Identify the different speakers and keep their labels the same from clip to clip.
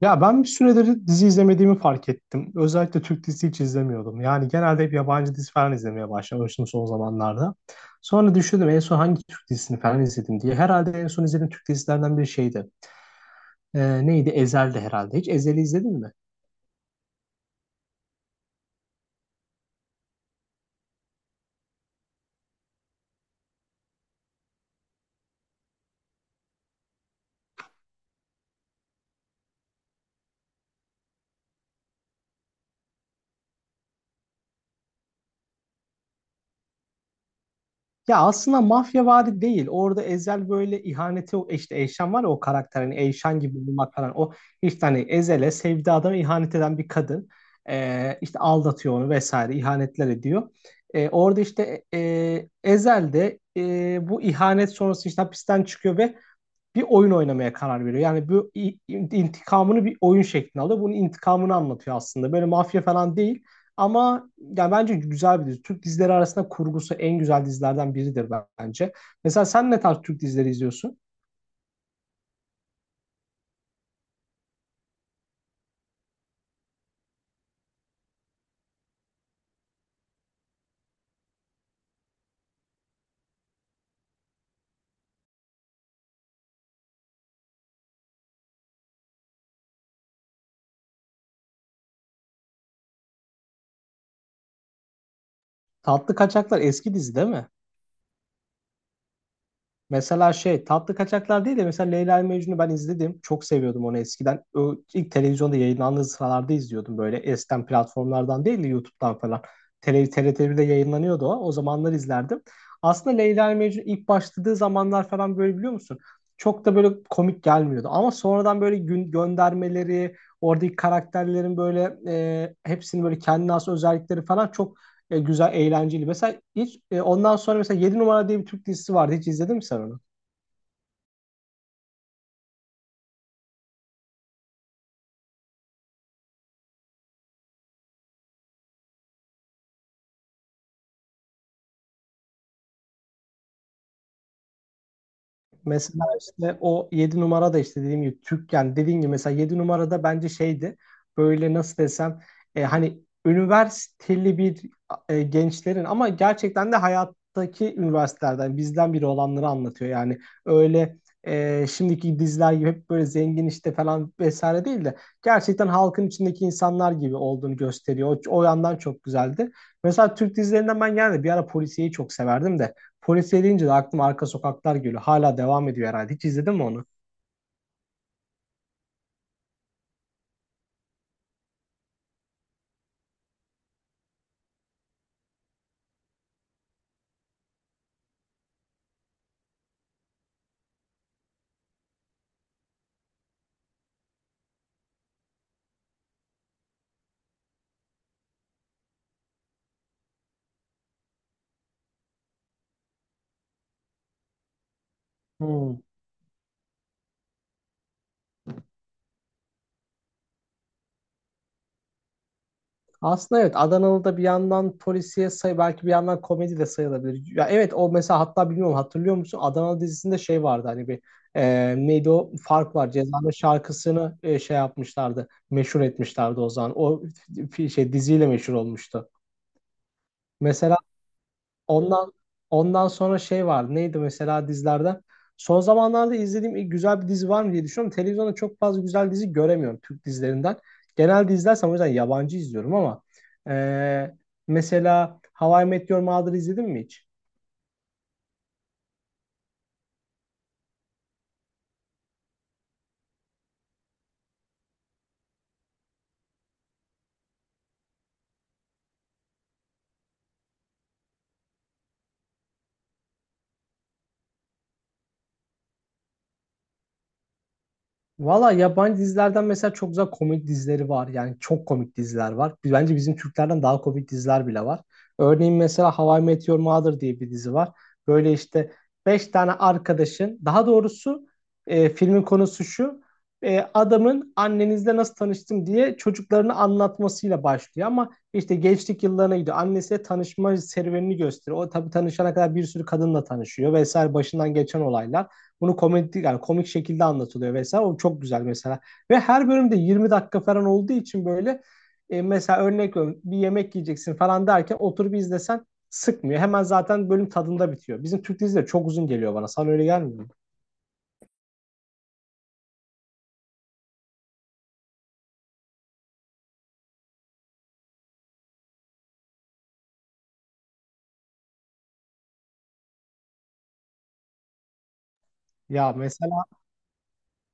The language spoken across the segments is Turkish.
Speaker 1: Ya ben bir süredir dizi izlemediğimi fark ettim. Özellikle Türk dizisi hiç izlemiyordum. Yani genelde hep yabancı dizi falan izlemeye başlamıştım son zamanlarda. Sonra düşündüm en son hangi Türk dizisini falan izledim diye. Herhalde en son izlediğim Türk dizilerinden bir şeydi. Neydi? Ezel'di herhalde. Hiç Ezel'i izledin mi? Ya aslında mafya mafyavari değil. Orada Ezel böyle ihaneti işte Eyşan var ya o karakter hani Eyşan gibi bulmak falan. O işte hani Ezel'e sevdiği adama ihanet eden bir kadın. İşte aldatıyor onu vesaire ihanetler ediyor. Orada işte Ezel de bu ihanet sonrası işte hapisten çıkıyor ve bir oyun oynamaya karar veriyor. Yani bu intikamını bir oyun şeklinde alıyor. Bunun intikamını anlatıyor aslında. Böyle mafya falan değil. Ama yani bence güzel bir dizi. Türk dizileri arasında kurgusu en güzel dizilerden biridir bence. Mesela sen ne tarz Türk dizileri izliyorsun? Tatlı Kaçaklar eski dizi değil mi? Mesela şey tatlı kaçaklar değil de mesela Leyla ile Mecnun'u ben izledim. Çok seviyordum onu eskiden. O ilk televizyonda yayınlandığı sıralarda izliyordum böyle. Eskiden platformlardan değil de YouTube'dan falan. TRT1'de yayınlanıyordu o. O zamanlar izlerdim. Aslında Leyla ile Mecnun ilk başladığı zamanlar falan böyle biliyor musun? Çok da böyle komik gelmiyordu. Ama sonradan böyle gün göndermeleri, oradaki karakterlerin böyle hepsinin böyle kendine has özellikleri falan çok güzel, eğlenceli. Mesela hiç ondan sonra mesela yedi numara diye bir Türk dizisi vardı. Hiç izledin mi sen onu? Mesela işte o yedi numara da işte dediğim gibi Türk yani dediğim gibi mesela 7 numarada bence şeydi böyle nasıl desem hani üniversiteli bir gençlerin ama gerçekten de hayattaki üniversitelerden bizden biri olanları anlatıyor yani öyle şimdiki diziler gibi hep böyle zengin işte falan vesaire değil de gerçekten halkın içindeki insanlar gibi olduğunu gösteriyor. O yandan çok güzeldi. Mesela Türk dizilerinden ben yani bir ara polisiyeyi çok severdim de polisiye deyince de aklıma Arka Sokaklar geliyor. Hala devam ediyor herhalde. Hiç izledin mi onu? Hmm. Aslında evet Adanalı bir yandan polisiye say belki bir yandan komedi de sayılabilir. Ya evet o mesela hatta bilmiyorum hatırlıyor musun? Adanalı dizisinde şey vardı hani bir neydi o fark var. Ceza'nın şarkısını şey yapmışlardı. Meşhur etmişlerdi o zaman. O şey diziyle meşhur olmuştu. Mesela Ondan ondan sonra şey vardı. Neydi mesela dizilerden? Son zamanlarda izlediğim ilk güzel bir dizi var mı diye düşünüyorum. Televizyonda çok fazla güzel dizi göremiyorum Türk dizilerinden. Genelde izlersem o yüzden yabancı izliyorum ama eee, mesela How I Met Your Mother izledin mi hiç? Valla yabancı dizilerden mesela çok güzel komik dizileri var. Yani çok komik diziler var. Bence bizim Türklerden daha komik diziler bile var. Örneğin mesela How I Met Your Mother diye bir dizi var. Böyle işte 5 tane arkadaşın, daha doğrusu filmin konusu şu. Adamın annenizle nasıl tanıştım diye çocuklarını anlatmasıyla başlıyor. Ama işte gençlik yıllarına gidiyor. Annesiyle tanışma serüvenini gösteriyor. O tabii tanışana kadar bir sürü kadınla tanışıyor vesaire başından geçen olaylar. Bunu komedi yani komik şekilde anlatılıyor vesaire. O çok güzel mesela. Ve her bölümde 20 dakika falan olduğu için böyle mesela örnek veriyorum bir yemek yiyeceksin falan derken oturup izlesen sıkmıyor. Hemen zaten bölüm tadında bitiyor. Bizim Türk dizileri çok uzun geliyor bana. Sana öyle gelmiyor mu? Ya mesela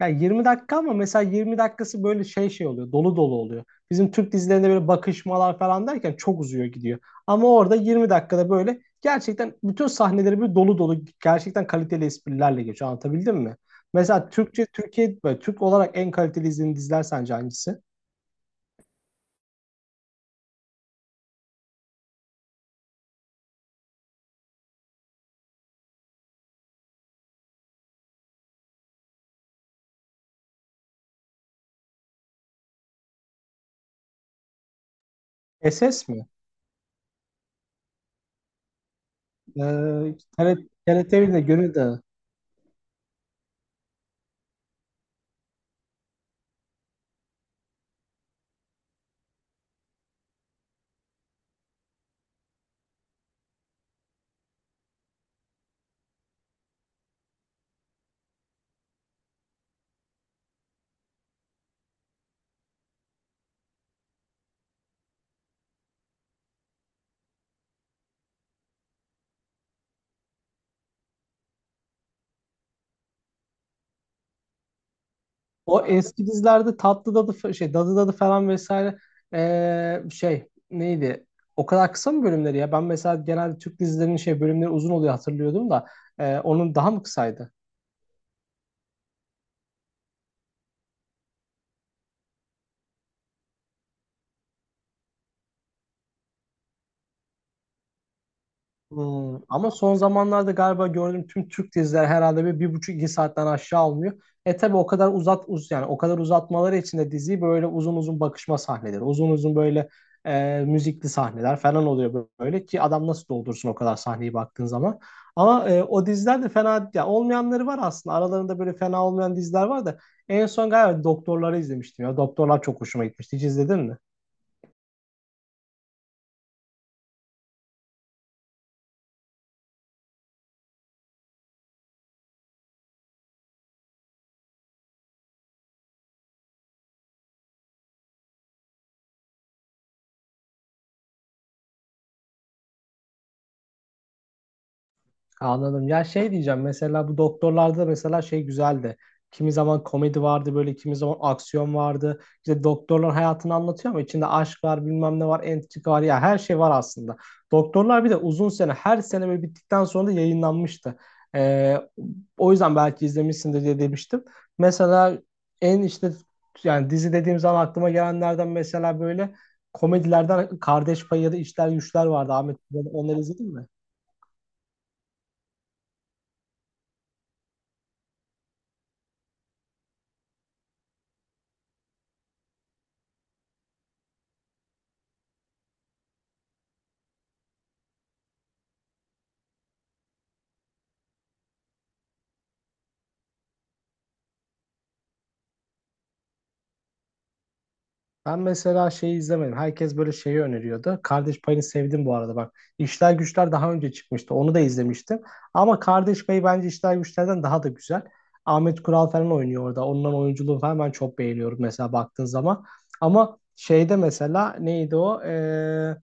Speaker 1: yani 20 dakika ama mesela 20 dakikası böyle şey şey oluyor. Dolu dolu oluyor. Bizim Türk dizilerinde böyle bakışmalar falan derken çok uzuyor gidiyor. Ama orada 20 dakikada böyle gerçekten bütün sahneleri böyle dolu dolu gerçekten kaliteli esprilerle geçiyor. Anlatabildim mi? Mesela Türkçe Türkiye böyle Türk olarak en kaliteli izlediğin diziler sence hangisi? SS mi? Ee, TRT, TRT 'nin de Gönül Dağı. O eski dizilerde Tatlı Dadı şey Dadı Dadı falan vesaire şey neydi? O kadar kısa mı bölümleri ya? Ben mesela genelde Türk dizilerinin şey bölümleri uzun oluyor hatırlıyordum da onun daha mı kısaydı? Hmm, ama son zamanlarda galiba gördüğüm tüm Türk diziler herhalde bir, bir buçuk iki saatten aşağı almıyor. E tabi o kadar uzat uz yani o kadar uzatmaları için de diziyi böyle uzun uzun bakışma sahneleri, uzun uzun böyle müzikli sahneler falan oluyor böyle ki adam nasıl doldursun o kadar sahneyi baktığın zaman. Ama o diziler de fena ya olmayanları var aslında. Aralarında böyle fena olmayan diziler var da en son galiba doktorları izlemiştim ya. Doktorlar çok hoşuma gitmişti. Hiç izledin mi? Anladım. Ya şey diyeceğim mesela bu doktorlarda da mesela şey güzeldi. Kimi zaman komedi vardı böyle kimi zaman aksiyon vardı. İşte doktorlar hayatını anlatıyor ama içinde aşk var bilmem ne var entrika var ya her şey var aslında. Doktorlar bir de uzun sene her sene böyle bittikten sonra da yayınlanmıştı. Ee, o yüzden belki izlemişsindir diye demiştim. Mesela en işte yani dizi dediğim zaman aklıma gelenlerden mesela böyle komedilerden Kardeş Payı ya da İşler Güçler vardı Ahmet. Onları izledin mi? Ben mesela şeyi izlemedim. Herkes böyle şeyi öneriyordu. Kardeş Payını sevdim bu arada bak. İşler Güçler daha önce çıkmıştı. Onu da izlemiştim. Ama Kardeş Payı bence İşler Güçler'den daha da güzel. Ahmet Kural falan oynuyor orada. Onların oyunculuğunu falan ben çok beğeniyorum mesela baktığın zaman. Ama şeyde mesela neydi o?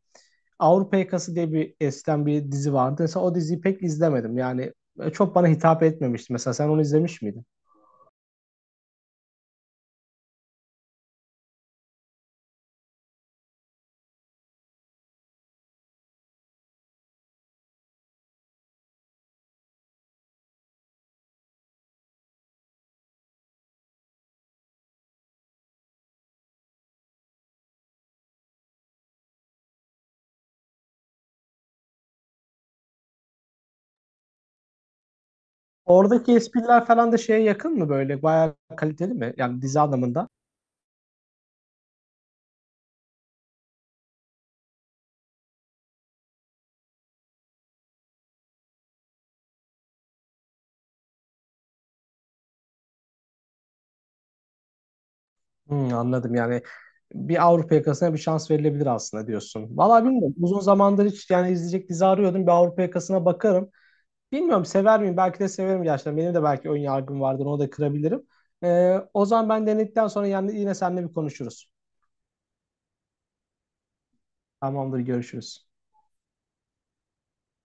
Speaker 1: Avrupa Yakası diye bir eskiden bir dizi vardı. Mesela o diziyi pek izlemedim. Yani böyle çok bana hitap etmemişti. Mesela sen onu izlemiş miydin? Oradaki espriler falan da şeye yakın mı böyle? Bayağı kaliteli mi? Yani dizi anlamında. Hmm, anladım yani. Bir Avrupa yakasına bir şans verilebilir aslında diyorsun. Vallahi bilmiyorum. Uzun zamandır hiç yani izleyecek dizi arıyordum. Bir Avrupa yakasına bakarım. Bilmiyorum sever miyim? Belki de severim gerçekten. Benim de belki ön yargım vardır. Onu da kırabilirim. O zaman ben denedikten sonra yani yine seninle bir konuşuruz. Tamamdır, görüşürüz.